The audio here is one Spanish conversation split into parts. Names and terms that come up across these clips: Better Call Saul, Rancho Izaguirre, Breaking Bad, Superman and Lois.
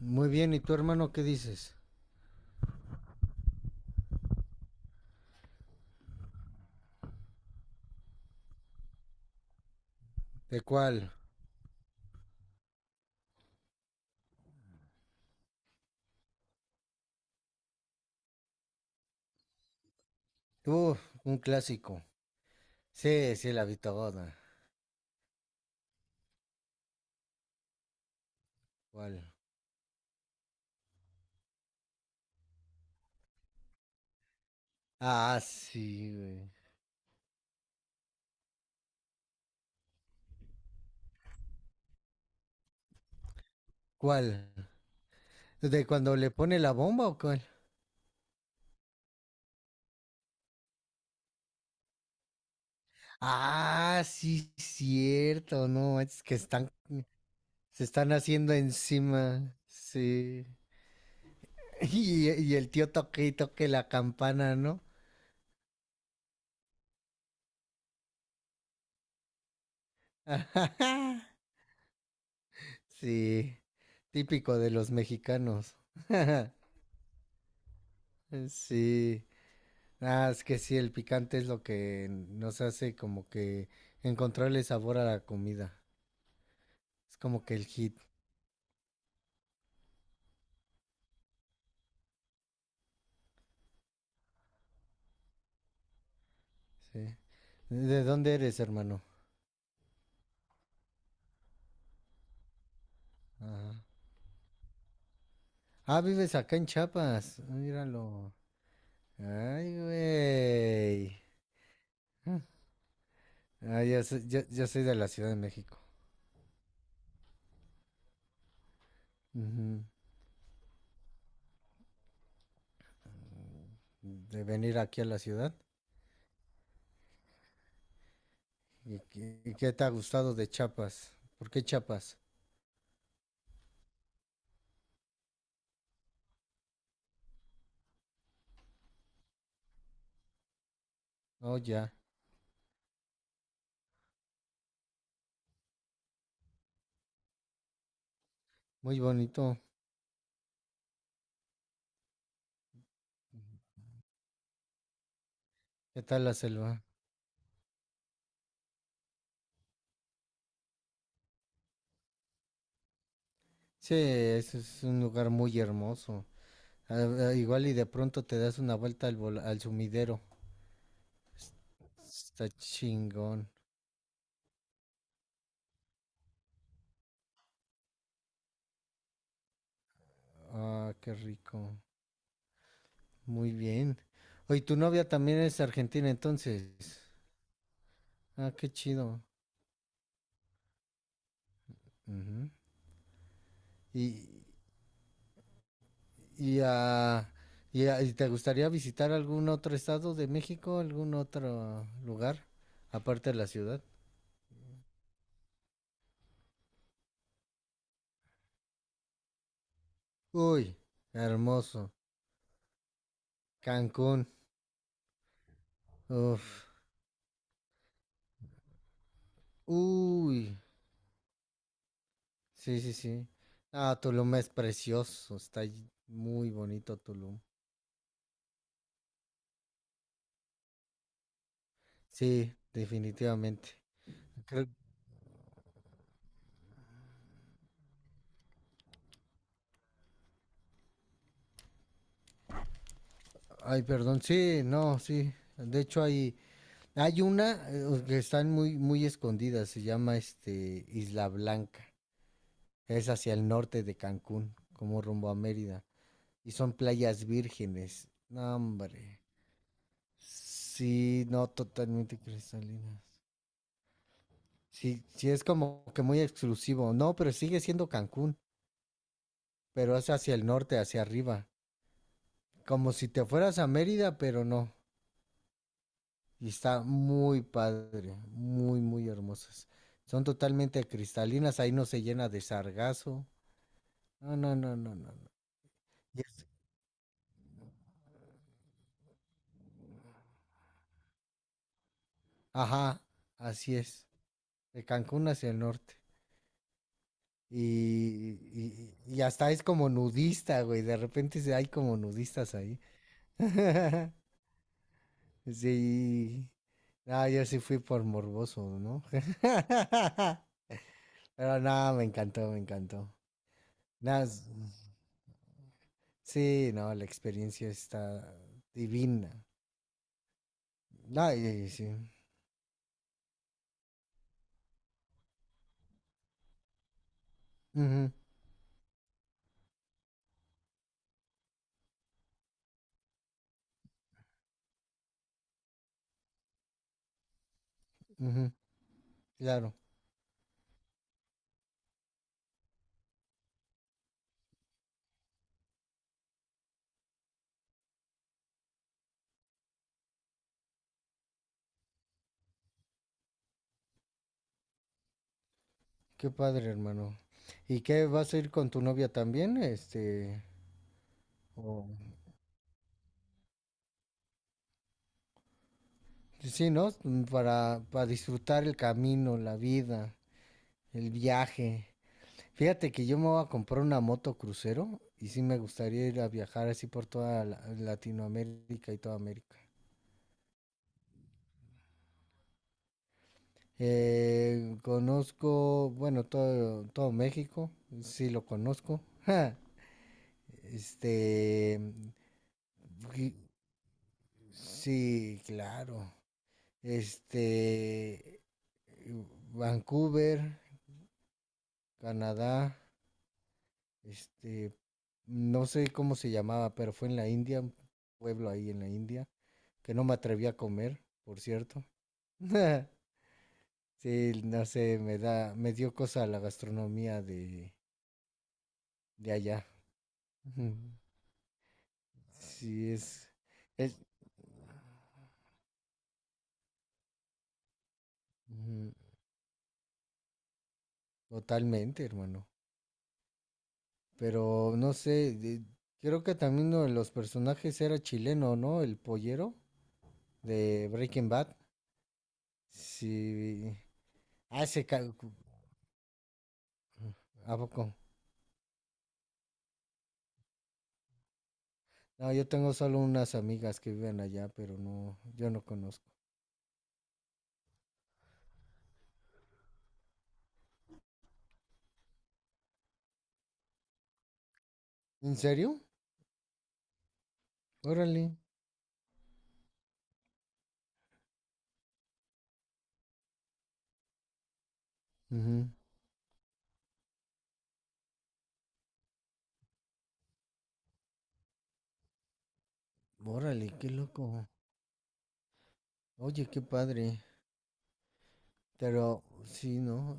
Muy bien, ¿y tu hermano qué dices? ¿De cuál? Tú, un clásico. Sí, la vi toda. ¿Cuál? Ah, sí, güey. ¿Cuál? ¿De cuando le pone la bomba o cuál? Ah, sí, cierto, no, es que están, se están haciendo encima, sí. Y el tío toque y toque la campana, ¿no? Sí, típico de los mexicanos. Sí. Ah, es que sí, el picante es lo que nos hace como que encontrarle sabor a la comida. Es como que el hit, sí. ¿De dónde eres, hermano? Ajá. Ah, vives acá en Chiapas. Ah, míralo. Ay, güey. Ah, ya, ya soy de la Ciudad de México. Ujú. De venir aquí a la ciudad. Y qué te ha gustado de Chiapas? ¿Por qué Chiapas? Oh, ya. Muy bonito. ¿Qué tal la selva? Sí, ese es un lugar muy hermoso. Ah, ah, igual y de pronto te das una vuelta al, al sumidero. Es- Está chingón. Ah, qué rico. Muy bien. Oye, tu novia también es argentina entonces. Ah, qué chido. Ujú. Y, y, ah, y, ¿y te gustaría visitar algún otro estado de México, algún otro lugar, aparte de la ciudad? Uy, hermoso. Cancún. Uf. Uy. Sí. Ah, Tulum es precioso, está muy bonito Tulum. Sí, definitivamente. Creo- Ay, perdón, sí, no, sí. De hecho hay, hay una que están muy, muy escondidas, se llama este Isla Blanca. Es hacia el norte de Cancún, como rumbo a Mérida. Y son playas vírgenes. No, hombre. Sí, no, totalmente cristalinas. Sí, sí, es como que muy exclusivo. No, pero sigue siendo Cancún, pero es hacia el norte, hacia arriba. Como si te fueras a Mérida, pero no. Y está muy padre, muy, muy hermosas. Son totalmente cristalinas, ahí no se llena de sargazo. No, no, no, no, no, no. Y es- Ajá, así es. De Cancún hacia el norte. Y, y hasta es como nudista, güey. De repente hay como nudistas ahí. Sí. Ah, yo sí fui por morboso, ¿no? Pero nada, me encantó, me encantó. Nada, sí, no, la experiencia está divina. Ay, ay, sí. Ujú, ujú, claro. Qué padre, hermano. ¿Y qué vas a ir con tu novia también? Este, o sí, ¿no? Mm, para disfrutar el camino, la vida, el viaje. Fíjate que yo me voy a comprar una moto crucero y sí me gustaría ir a viajar así por toda Latinoamérica y toda América. Conozco, bueno, todo, todo México, sí lo conozco. Ja, este, y- sí, claro. Este, Vancouver, Canadá, este, no sé cómo se llamaba, pero fue en la India, un pueblo ahí en la India, que no me atreví a comer, por cierto. Sí, no sé, me da, me dio cosa la gastronomía de allá. Sí, es ujú, totalmente, hermano. Pero no sé, creo que también uno de los personajes era chileno, ¿no? El pollero de Breaking Bad. Sí. Ah, ¿a poco? No, yo tengo solo unas amigas que viven allá, pero no, yo no conozco. ¿En serio? Órale. Ujú. Órale, qué loco. Oye, qué padre. Pero sí, ¿no?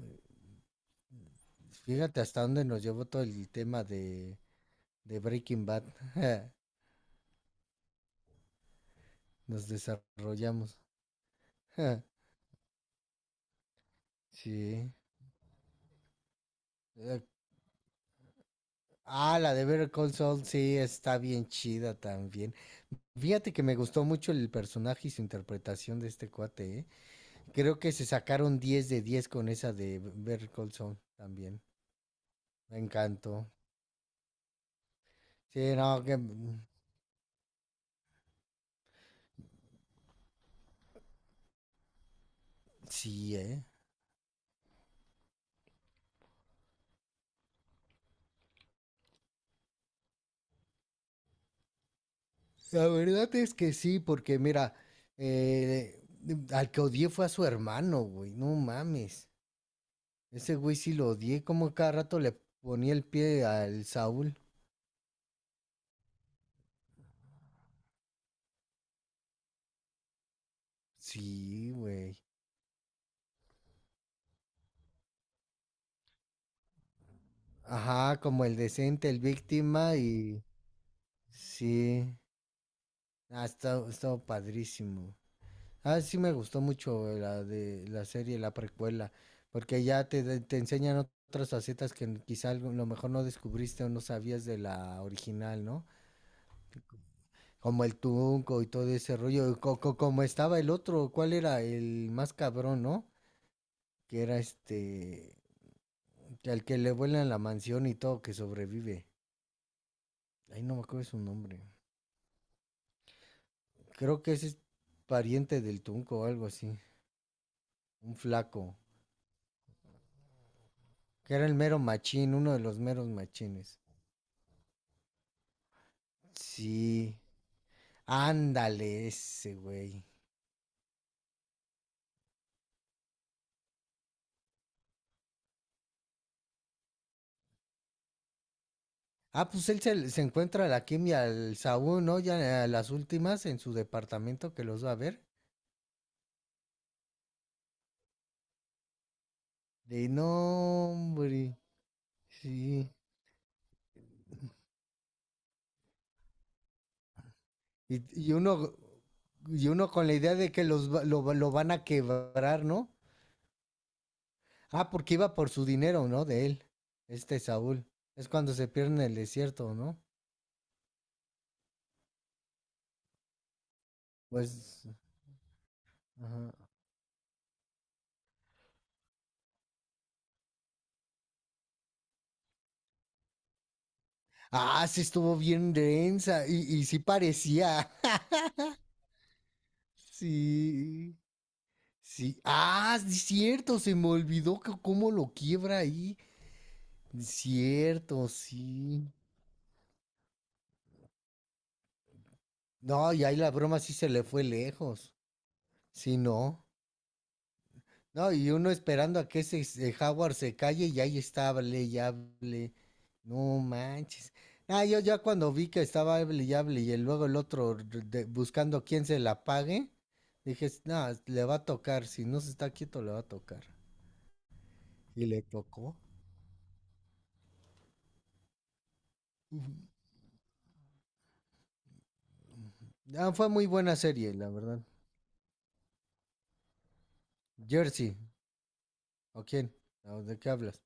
Fíjate hasta dónde nos llevó todo el tema de Breaking Bad. Nos desarrollamos. Sí. Eh, ah, la de Better Call Saul, sí, está bien chida también. Fíjate que me gustó mucho el personaje y su interpretación de este cuate, ¿eh? Creo que se sacaron 10 de 10 con esa de Better Call Saul también. Me encantó. Sí, no, que... sí, ¿eh? La verdad es que sí, porque mira, eh, al que odié fue a su hermano, güey, no mames. Ese güey sí lo odié, como cada rato le ponía el pie al Saúl. Sí, güey. Ajá, como el decente, el víctima y... Sí. Ah, está, está padrísimo. Ah, sí me gustó mucho la de la serie, la precuela, porque ya te enseñan otras facetas que quizá algo, lo mejor no descubriste o no sabías de la original, ¿no? Como el Tunco y todo ese rollo, y como estaba el otro, ¿cuál era? El más cabrón, ¿no? Que era este... El que le vuela en la mansión y todo, que sobrevive. Ay, no me acuerdo su nombre. Creo que ese es pariente del Tunco o algo así. Un flaco. Que era el mero machín, uno de los meros machines. Sí. Ándale, ese güey. Ah, pues él se, se encuentra a la Kim y al Saúl, ¿no? Ya a las últimas en su departamento que los va a ver. De no, hombre. Sí. Y, y uno y uno con la idea de que lo van a quebrar, ¿no? Ah, porque iba por su dinero, ¿no? De él, este Saúl. Es cuando se pierde en el desierto, ¿no? Pues. Ajá. Ah, sí estuvo bien densa. Y sí parecía. Sí. Sí. Ah, sí, cierto, se me olvidó que cómo lo quiebra ahí. Cierto, sí. No, y ahí la broma sí se le fue lejos. Sí, no. No, y uno esperando a que Howard se calle y ahí está, hable y hable. No manches. Ah, yo ya cuando vi que estaba hable y hable y luego el otro buscando quién se la pague, dije, no, le va a tocar, si no se está quieto le va a tocar. Y le tocó. Ujú. Ah, fue muy buena serie, la verdad. Jersey, ¿o quién? ¿O ¿de qué hablas?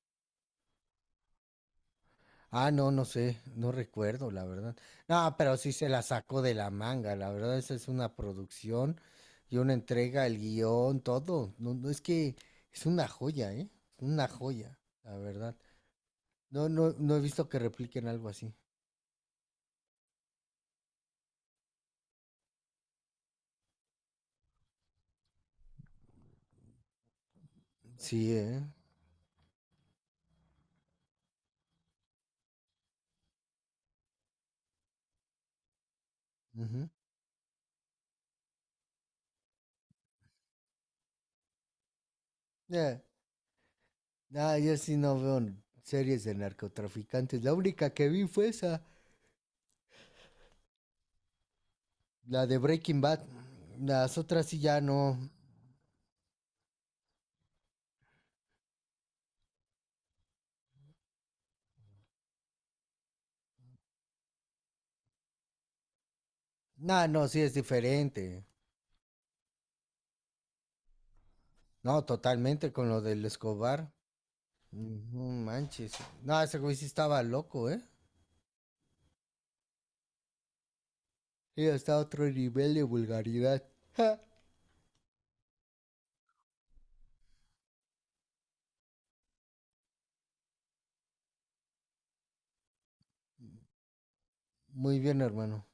Ah, no, no sé, no recuerdo, la verdad. No, pero sí se la sacó de la manga, la verdad, esa es una producción y una entrega, el guión, todo. No, no, es que es una joya, ¿eh? Una joya, la verdad. No, no, no he visto que repliquen algo así. Sí, ¿eh? Ujú. Eh, no, yo sí no veo series de narcotraficantes. La única que vi fue esa, la de Breaking Bad. Las otras sí ya no. No, no, sí es diferente. No, totalmente con lo del Escobar. No manches. No, ese güey sí estaba loco, ¿eh? Sí, está a otro nivel de vulgaridad. Ja. Muy bien, hermano.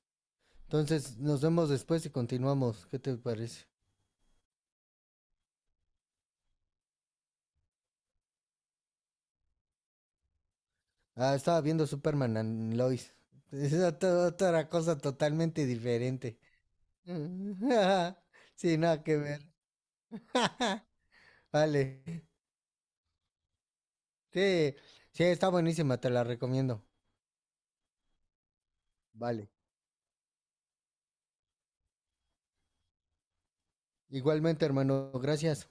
Entonces, nos vemos después y continuamos. ¿Qué te parece? Ah, estaba viendo Superman and Lois. Es otra, otra cosa totalmente diferente. Sí, nada que ver. Vale. Sí, sí, está buenísima, te la recomiendo. Vale. Igualmente, hermano, gracias.